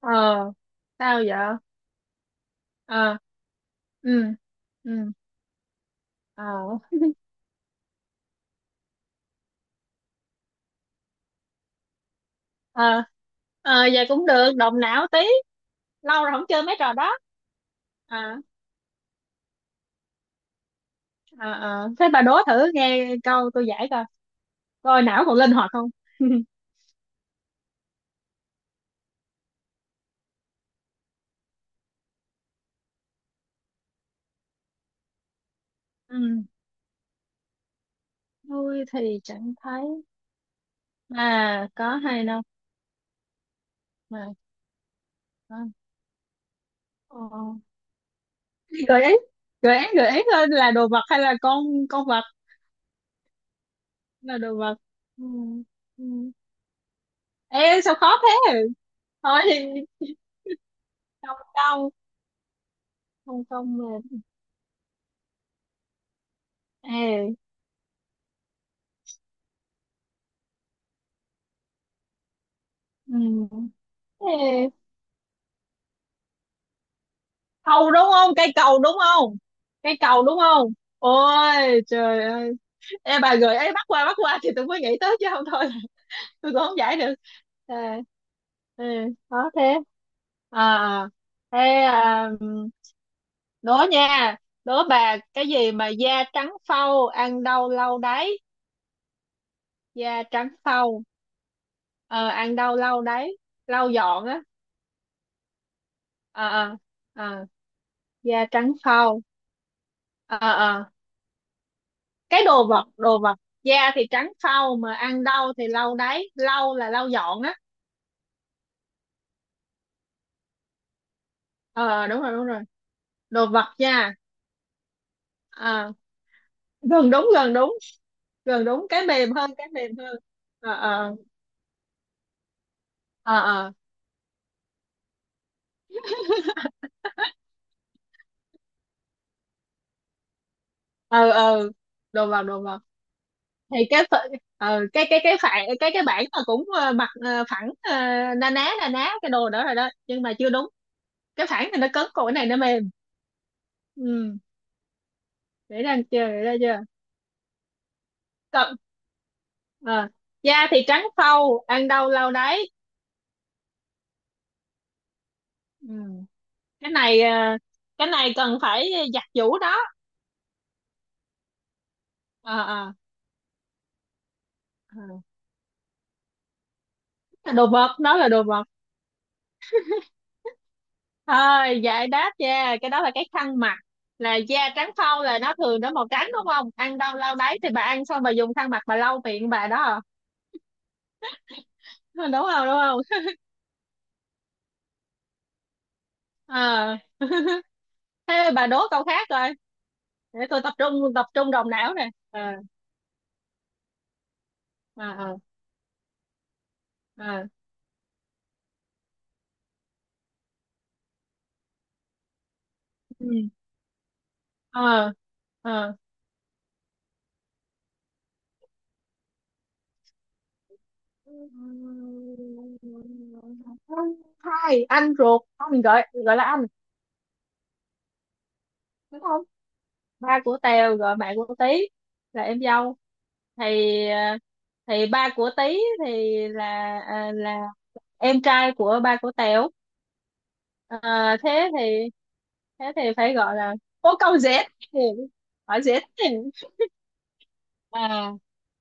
Ờ, sao vậy? Ờ. Ừ. Ừ. Ờ. Ờ. Ờ, vậy cũng được, động não tí. Lâu rồi không chơi mấy trò đó. Ờ. Ờ. Ờ, thế bà đố thử, nghe câu tôi giải coi, coi não còn linh hoạt không. Ừ. Tôi thì chẳng thấy mà có hay đâu, mà có. Ờ. Gợi ý, gợi ý, gợi ý thôi, là đồ vật hay là con vật? Là đồ vật. Ừ. Ừ. Ê, sao khó thế? Thôi thì. Không đâu. Không, không là. Ê. Ừ. Ê, cầu đúng không? Cây cầu đúng không? Cây cầu đúng không? Ôi trời ơi! Ê, bà gợi ấy, bắt qua, bắt qua thì tôi mới nghĩ tới, chứ không thôi tôi cũng không giải được. Ê. Ê, khó thế. À, thế. À, đố nha. Đố bà, cái gì mà da trắng phau, ăn đâu lâu đấy? Da trắng phau. Ờ, ăn đâu lâu đấy, lau dọn á. Ờ, ờ. Ờ. Da trắng phau. Ờ, ờ. Cái đồ vật, đồ vật, da thì trắng phau mà ăn đau thì lau đáy, lau là lau dọn á. Ờ, đúng rồi, đúng rồi. Đồ vật, da. Ờ, gần đúng, gần đúng. Gần đúng, cái mềm hơn, cái mềm hơn. Ờ, ờ. Ờ, ờ. Ờ, ờ. Đồ vật, đồ vật. Thì cái phở-, ờ, cái phản, cái bảng là cũng, ờ, mặt, ờ, phẳng, ờ, na ná, na ná cái đồ đó rồi đó, nhưng mà chưa đúng. Cái phẳng thì nó cứng, còn cái này nó mềm. Ừ, để ra chưa, để ra chưa? Ờ, da thì trắng phau, ăn đâu lâu đấy. Ừ. Cái này, ờ, cái này cần phải giặt giũ đó. Ờ, ờ. Ờ. Cái đồ vật, nó là đồ vật. Thôi, giải đáp, da cái đó là cái khăn mặt. Là da trắng phau là nó thường nó màu trắng đúng không, ăn đâu lau đấy thì bà ăn xong bà dùng khăn mặt bà lau miệng bà đó. À, đúng không, đúng không? Ờ. Thế bà đố câu khác rồi. Để tôi tập trung, tập trung đầu não nè. Ờ, ờ, ờ. Ờ. Ừ. Ờ, ờ. Hai anh ruột không, mình gọi, gọi là anh, đúng không? Ba của Tèo gọi mẹ của Tí là em dâu, thì, ờ, thì ba của Tí thì là, à, là em trai của ba của Tèo. Ờ, thế thì, thế thì phải gọi là bố. Câu dễ, hỏi dễ. À,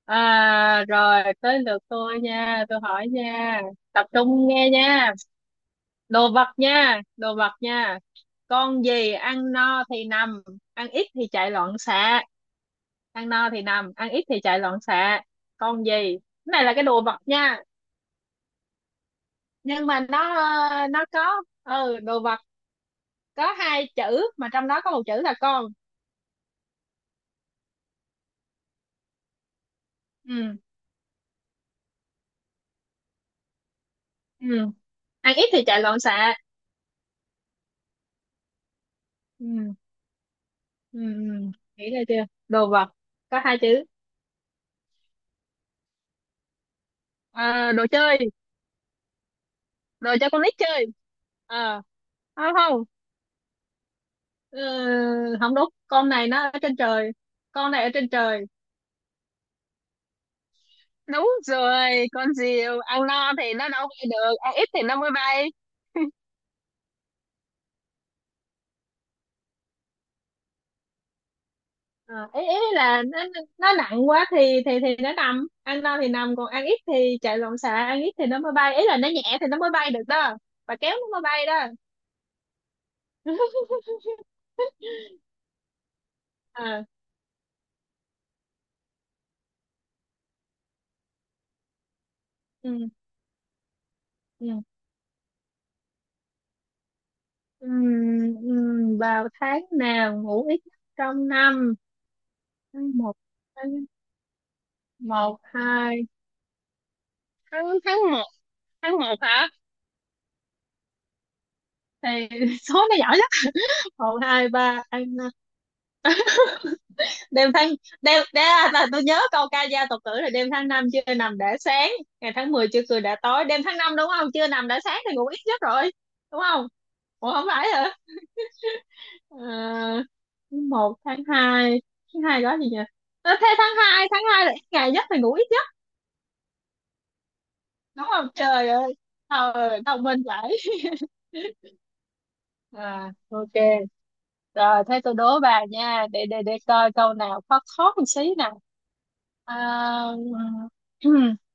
à, rồi tới lượt tôi nha, tôi hỏi nha. Tập trung nghe nha. Đồ vật nha, đồ vật nha. Con gì ăn no thì nằm, ăn ít thì chạy loạn xạ? Ăn no thì nằm, ăn ít thì chạy loạn xạ. Con gì, cái này là cái đồ vật nha, nhưng mà nó, ờ, nó có, ừ, đồ vật, có hai chữ, mà trong đó có một chữ là con. Ừ. Ừ. Ăn ít thì chạy loạn xạ. Ừ. Ừ. Ừ, nghĩ ra chưa, đồ vật có hai chữ. Ờ, đồ chơi, đồ cho con nít chơi. Ờ. Không, không. Ừ, không đúng, con này nó ở trên trời. Con này ở trên trời. Đúng rồi, con diều, ăn no thì nó đâu bay được, ăn ít thì nó mới bay. À, ý là nó nặng quá thì nó nằm, ăn no thì nằm, còn ăn ít thì chạy loạn xạ, ăn ít thì nó mới bay, ý là nó nhẹ thì nó mới bay được đó. Bà kéo nó mới bay đó. À. Ừ, ừ, ừ, ừ, vào tháng nào ngủ ít nhất trong năm. Tháng một. Tháng. Một hai. Tháng, tháng một. Tháng một hả? Thì số nó giỏi nhất, một hai ba ăn năm. Đêm tháng, đêm đêm, à, là tôi nhớ câu ca dao tục tử là đêm tháng năm chưa nằm đã sáng, ngày tháng 10 chưa cười đã tối. Đêm tháng năm đúng không, chưa nằm đã sáng thì ngủ ít nhất rồi. Đúng không? Ủa, không phải hả? Ờ, một, tháng hai. Tháng hai đó gì nhỉ? Ờ, thế tháng hai, tháng hai là ít ngày nhất thì ngủ ít nhất. Đúng không, trời ơi! Ờ, thông minh vậy. À, ok. Rồi thế tôi đố bà nha, để coi câu nào khó khó một xí nào. À,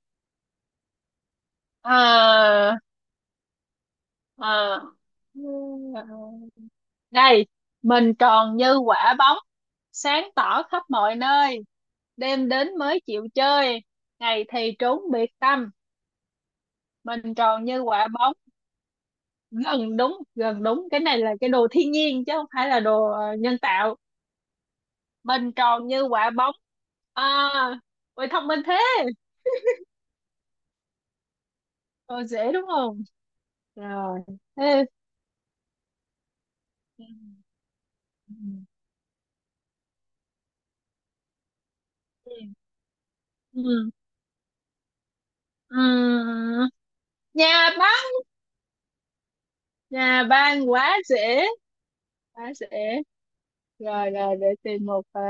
à, à, đây. Mình tròn như quả bóng, sáng tỏ khắp mọi nơi, đêm đến mới chịu chơi, ngày thì trốn biệt tâm. Mình tròn như quả bóng. Gần đúng, gần đúng, cái này là cái đồ thiên nhiên chứ không phải là đồ, ờ, nhân tạo. Mình tròn như quả bóng. À, ôi thông minh thế! Rồi dễ đúng không? Rồi, thế. Ừ. Ừ. Ừ. Ừ. Nhà bác. Nhà ban, quá dễ. Quá dễ rồi. Rồi, để tìm một, à,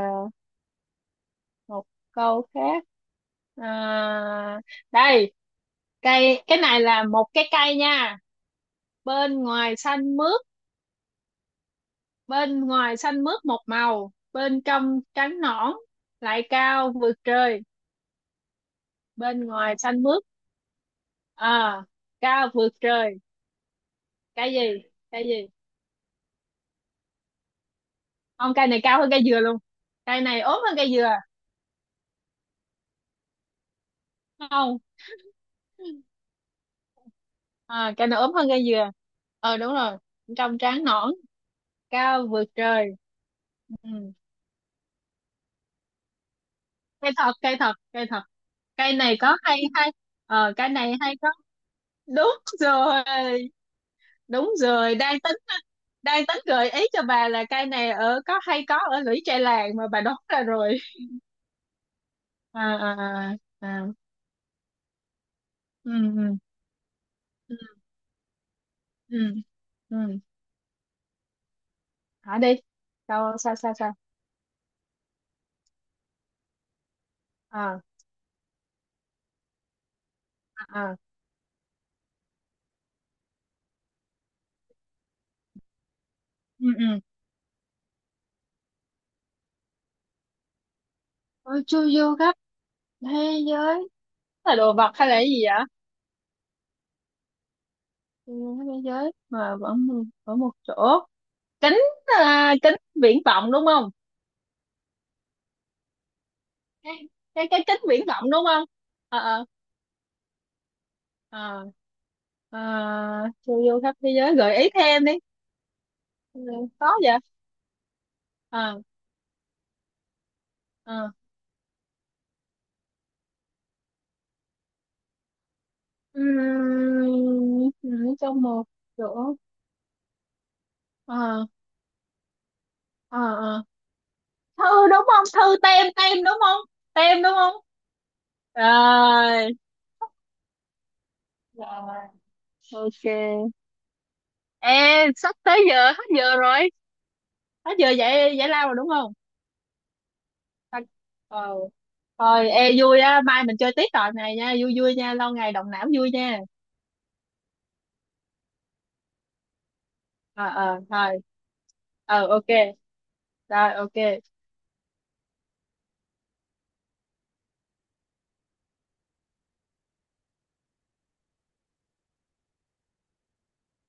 một câu khác. À, đây. Cây, cái này là một cái cây nha. Bên ngoài xanh mướt, bên ngoài xanh mướt một màu, bên trong trắng nõn, lại cao vượt trời. Bên ngoài xanh mướt, à, cao vượt trời. Cây gì? Cây gì? Không, cây này cao hơn cây dừa luôn. Cây này ốm hơn cây dừa. Không. À, cây này ốm hơn cây dừa. Ờ, đúng rồi, trong trắng nõn, cao vượt trời. Ừ. Cây thật, cây thật, cây thật. Cây này có hay hay. Ờ, cây này hay có. Đúng rồi, đúng rồi, đang tính, đang tính gợi ý cho bà là cây này ở có hay có ở lũy tre làng, mà bà đoán ra rồi. À, à, à. À. Ừ. Ừ. Ừ. Ừ. Ừ. Hả, đi! Sao, sao, sao, sao? À, à. À. Ừ. Ừ. Ôi, chu du khắp thế giới. Là đồ vật hay là cái gì vậy? Chu du khắp thế giới mà vẫn ở một chỗ. Kính. À, kính viễn vọng đúng không? Cái, cái kính viễn vọng đúng không? Ờ, ờ. Ờ. À, chu du khắp thế giới, gợi ý thêm đi. Ừ, khó vậy. Ờ. Ờ. Ừm, trong một chỗ. Ờ. Ờ. Ờ, thư, đúng không, thư tem, tem đúng không? Tem đúng không? Rồi. Rồi, ok. Ê, sắp tới giờ, hết giờ rồi. Hết giờ giải giải lao rồi đúng không? Ta-, ờ, thôi, ê, vui á, mai mình chơi tiếp trò này nha, vui vui nha, lâu ngày động não vui nha. Ờ, ờ, thôi. Ờ, ok. Rồi, ok.